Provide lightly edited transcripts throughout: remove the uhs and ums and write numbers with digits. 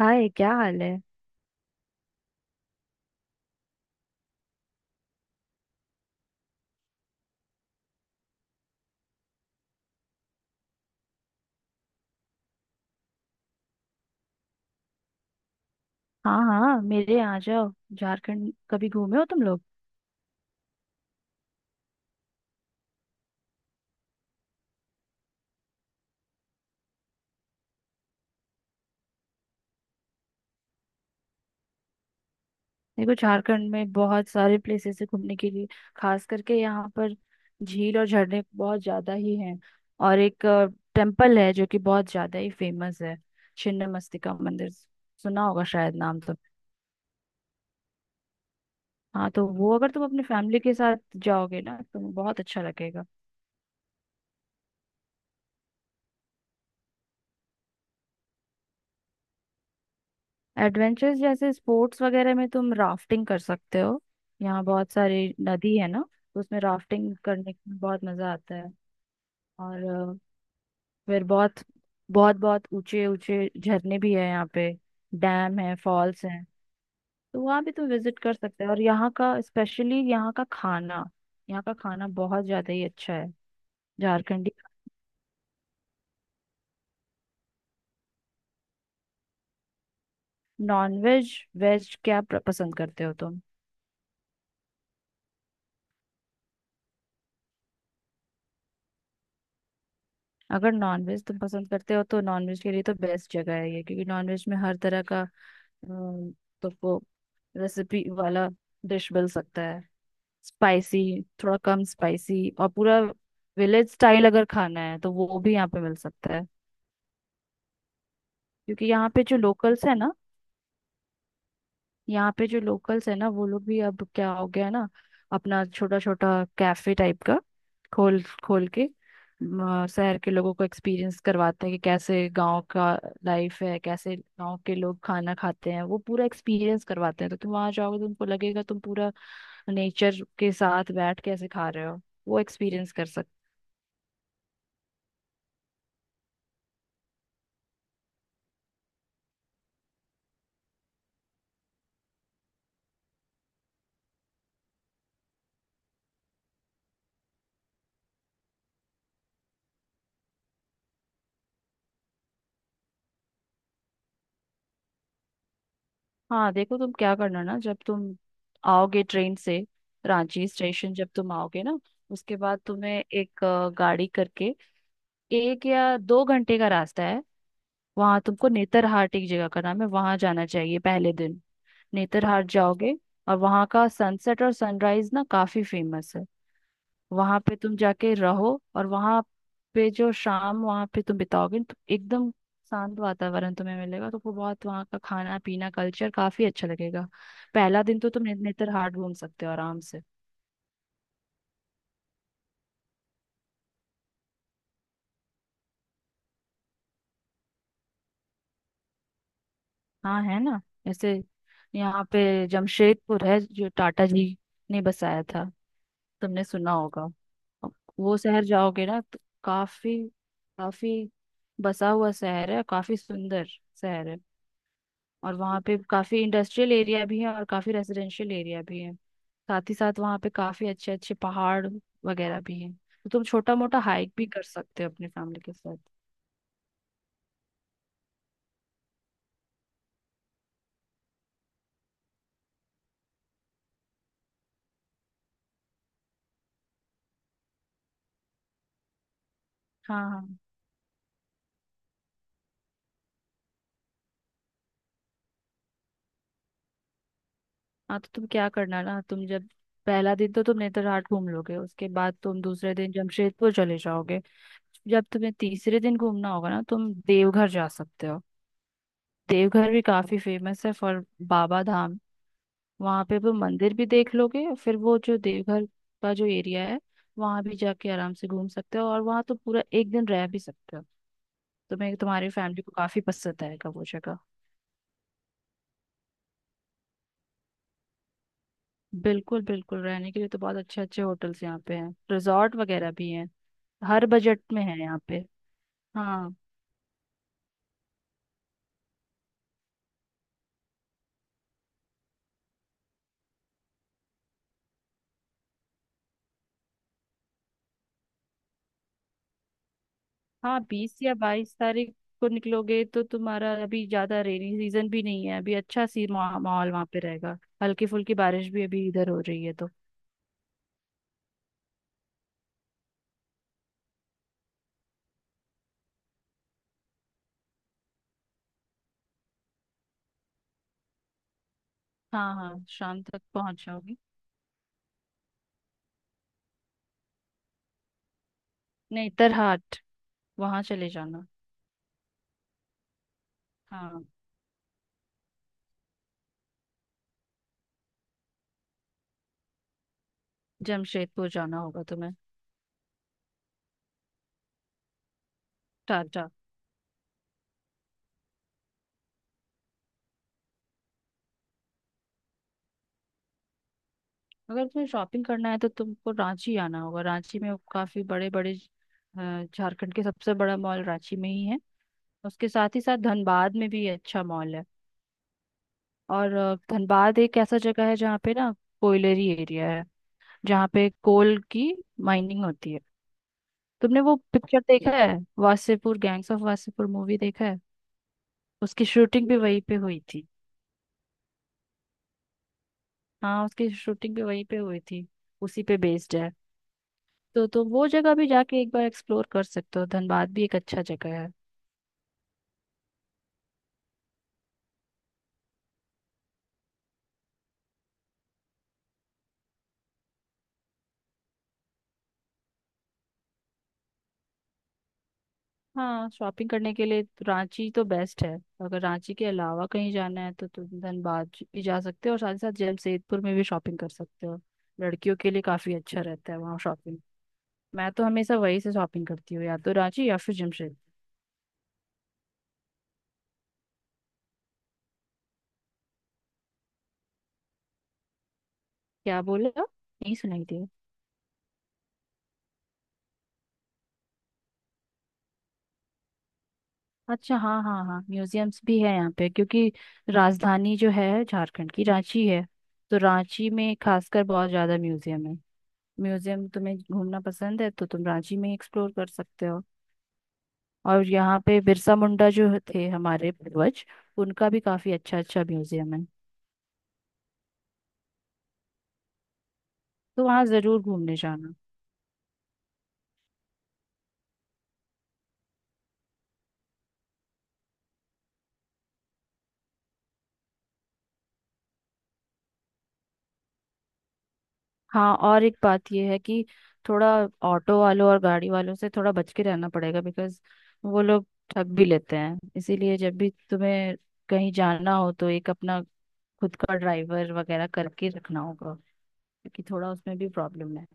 हाय क्या हाल है। हाँ हाँ, मेरे यहाँ आ जाओ। झारखंड कभी घूमे हो तुम लोग? देखो, झारखंड में बहुत सारे प्लेसेस है घूमने के लिए। खास करके यहाँ पर झील और झरने बहुत ज्यादा ही हैं। और एक टेम्पल है जो कि बहुत ज्यादा ही फेमस है, छिन्न मस्तिका मंदिर। सुना होगा शायद नाम तो। हाँ, तो वो अगर तुम अपनी फैमिली के साथ जाओगे ना तो बहुत अच्छा लगेगा। एडवेंचर्स जैसे स्पोर्ट्स वगैरह में तुम राफ्टिंग कर सकते हो, यहाँ बहुत सारी नदी है ना, तो उसमें राफ्टिंग करने में बहुत मजा आता है। और अ, फिर बहुत बहुत बहुत ऊंचे ऊंचे झरने भी है यहाँ पे। डैम है, फॉल्स हैं। तो वहाँ भी तुम विजिट कर सकते हो, और यहाँ का स्पेशली यहाँ का खाना, यहाँ का खाना बहुत ज्यादा ही अच्छा है, झारखंडी। नॉन वेज वेज क्या पसंद करते हो तुम? अगर नॉनवेज तुम पसंद करते हो तो नॉनवेज के लिए तो बेस्ट जगह है ये, क्योंकि नॉनवेज में हर तरह का हम्म, तो वो रेसिपी वाला डिश मिल सकता है। स्पाइसी, थोड़ा कम स्पाइसी और पूरा विलेज स्टाइल अगर खाना है तो वो भी यहाँ पे मिल सकता है, क्योंकि यहाँ पे जो लोकल्स है ना, यहाँ पे जो लोकल्स है ना, वो लोग भी अब क्या हो गया है ना, अपना छोटा छोटा कैफे टाइप का खोल खोल के शहर के लोगों को एक्सपीरियंस करवाते हैं कि कैसे गांव का लाइफ है, कैसे गांव के लोग खाना खाते हैं। वो पूरा एक्सपीरियंस करवाते हैं, तो तुम वहां जाओगे तो तुमको लगेगा तुम पूरा नेचर के साथ बैठ के ऐसे खा रहे हो। वो एक्सपीरियंस कर सकते। हाँ, देखो, तुम क्या करना ना, जब तुम आओगे ट्रेन से, रांची स्टेशन जब तुम आओगे ना, उसके बाद तुम्हें एक गाड़ी करके 1 या 2 घंटे का रास्ता है। वहां तुमको नेतरहाट, एक जगह का नाम है, वहां जाना चाहिए पहले दिन। नेतरहाट जाओगे और वहां का सनसेट और सनराइज ना काफी फेमस है। वहां पे तुम जाके रहो, और वहां पे जो शाम वहां पे तुम बिताओगे तो एकदम शांत वातावरण तुम्हें मिलेगा, तो वो बहुत वहाँ का खाना पीना कल्चर काफी अच्छा लगेगा। पहला दिन तो तुम नेतरहाट घूम सकते हो आराम से। हाँ है ना, ऐसे यहाँ पे जमशेदपुर है जो टाटा जी ने बसाया था, तुमने सुना होगा। वो शहर जाओगे ना तो काफी काफी बसा हुआ शहर है, काफी सुंदर शहर है। और वहाँ पे काफी इंडस्ट्रियल एरिया भी है और काफी रेजिडेंशियल एरिया भी है। साथ ही साथ वहाँ पे काफी अच्छे अच्छे पहाड़ वगैरह भी हैं, तो तुम छोटा मोटा हाइक भी कर सकते हो अपनी फैमिली के साथ। हाँ हाँ हाँ, तो तुम क्या करना ना, तुम जब पहला दिन तो तुम नेतरहाट घूम लोगे, उसके बाद तुम दूसरे दिन जमशेदपुर चले जाओगे। जब तुम्हें तीसरे दिन घूमना होगा ना, तुम देवघर जा सकते हो। देवघर भी काफी फेमस है फॉर बाबा धाम। वहां पे वो मंदिर भी देख लोगे, और फिर वो जो देवघर का जो एरिया है वहां भी जाके आराम से घूम सकते हो, और वहां तो पूरा एक दिन रह भी सकते हो। तो मैं तुम्हारी फैमिली को काफी पसंद आएगा वो जगह। बिल्कुल बिल्कुल, रहने के लिए तो बहुत अच्छे अच्छे होटल्स यहाँ पे हैं, रिजॉर्ट वगैरह भी हैं। हर बजट में है यहाँ पे। हाँ हाँ, 20 या 22 तारीख को निकलोगे तो तुम्हारा अभी ज्यादा रेनी सीजन भी नहीं है, अभी अच्छा सी माहौल वहां पे रहेगा। हल्की फुल्की बारिश भी अभी इधर हो रही है तो। हाँ हाँ, शाम तक पहुंच जाओगी। नहीं तरहाट। वहां चले जाना। हाँ, जमशेदपुर जाना होगा तुम्हें। टाटा। अगर तुम्हें शॉपिंग करना है तो तुमको रांची आना होगा। रांची में काफी बड़े बड़े झारखंड के सबसे बड़ा मॉल रांची में ही है। उसके साथ ही साथ धनबाद में भी अच्छा मॉल है। और धनबाद एक ऐसा जगह है जहाँ पे ना कोयलरी एरिया है, जहाँ पे कोल की माइनिंग होती है। तुमने वो पिक्चर देखा है, Wasseypur, gangs of Wasseypur movie देखा है? उसकी शूटिंग भी वहीं पे हुई थी। हाँ, उसकी शूटिंग भी वहीं पे हुई थी, उसी पे बेस्ड है। तो वो जगह भी जाके एक बार एक्सप्लोर कर सकते हो, धनबाद भी एक अच्छा जगह है। हाँ, शॉपिंग करने के लिए तो रांची तो बेस्ट है। अगर रांची के अलावा कहीं जाना है तो तुम धनबाद भी जा सकते हो, और साथ ही साथ जमशेदपुर में भी शॉपिंग कर सकते हो। लड़कियों के लिए काफी अच्छा रहता है वहाँ शॉपिंग। मैं तो हमेशा वहीं से शॉपिंग करती हूँ, या तो रांची या फिर जमशेदपुर। क्या बोले आप? नहीं सुनाई दिया। अच्छा, हाँ हाँ हाँ, म्यूजियम्स भी है यहाँ पे, क्योंकि राजधानी जो है झारखंड की, रांची है। तो रांची में खासकर बहुत ज्यादा म्यूजियम है। म्यूजियम तुम्हें घूमना पसंद है तो तुम रांची में एक्सप्लोर कर सकते हो। और यहाँ पे बिरसा मुंडा जो थे हमारे पूर्वज, उनका भी काफी अच्छा अच्छा म्यूजियम है, तो वहाँ जरूर घूमने जाना। हाँ, और एक बात ये है कि थोड़ा ऑटो वालों और गाड़ी वालों से थोड़ा बच के रहना पड़ेगा, बिकॉज वो लोग ठग भी लेते हैं। इसीलिए जब भी तुम्हें कहीं जाना हो तो एक अपना खुद का ड्राइवर वगैरह करके रखना होगा, क्योंकि थोड़ा उसमें भी प्रॉब्लम है।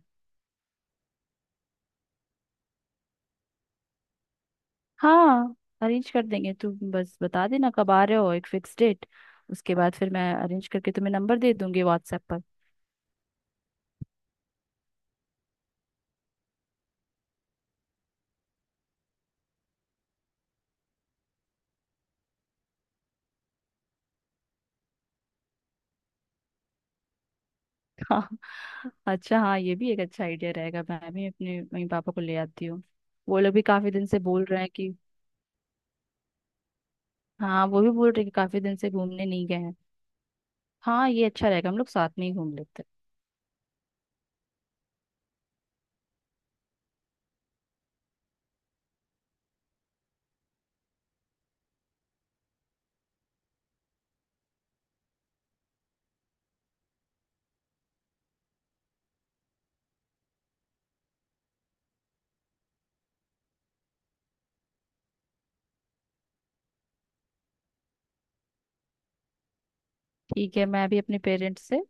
हाँ, अरेंज कर देंगे। तू बस बता देना कब आ रहे हो, एक फिक्स डेट। उसके बाद फिर मैं अरेंज करके तुम्हें नंबर दे दूंगी व्हाट्सएप पर। हाँ, अच्छा, हाँ ये भी एक अच्छा आइडिया रहेगा, मैं भी अपने मम्मी पापा को ले आती हूँ। वो लोग भी काफी दिन से बोल रहे हैं कि, हाँ वो भी बोल रहे हैं कि काफी दिन से घूमने नहीं गए हैं। हाँ, ये अच्छा रहेगा, हम लोग साथ में ही घूम लेते हैं। ठीक है, मैं भी अपने पेरेंट्स से।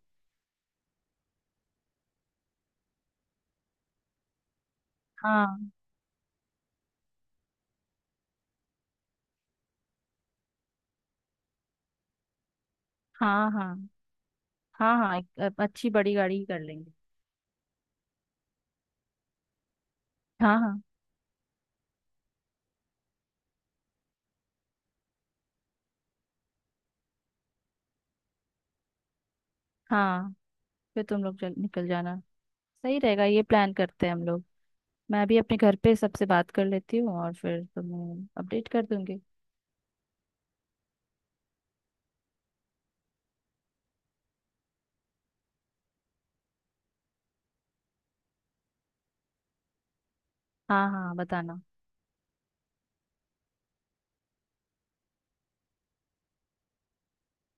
हाँ हाँ हाँ हाँ हाँ, एक अच्छी बड़ी गाड़ी ही कर लेंगे। हाँ हाँ हाँ, फिर तुम लोग चल निकल जाना। सही रहेगा, ये प्लान करते हैं हम लोग। मैं भी अपने घर पे सबसे बात कर लेती हूँ और फिर तुम्हें अपडेट कर दूंगी। हाँ हाँ, बताना।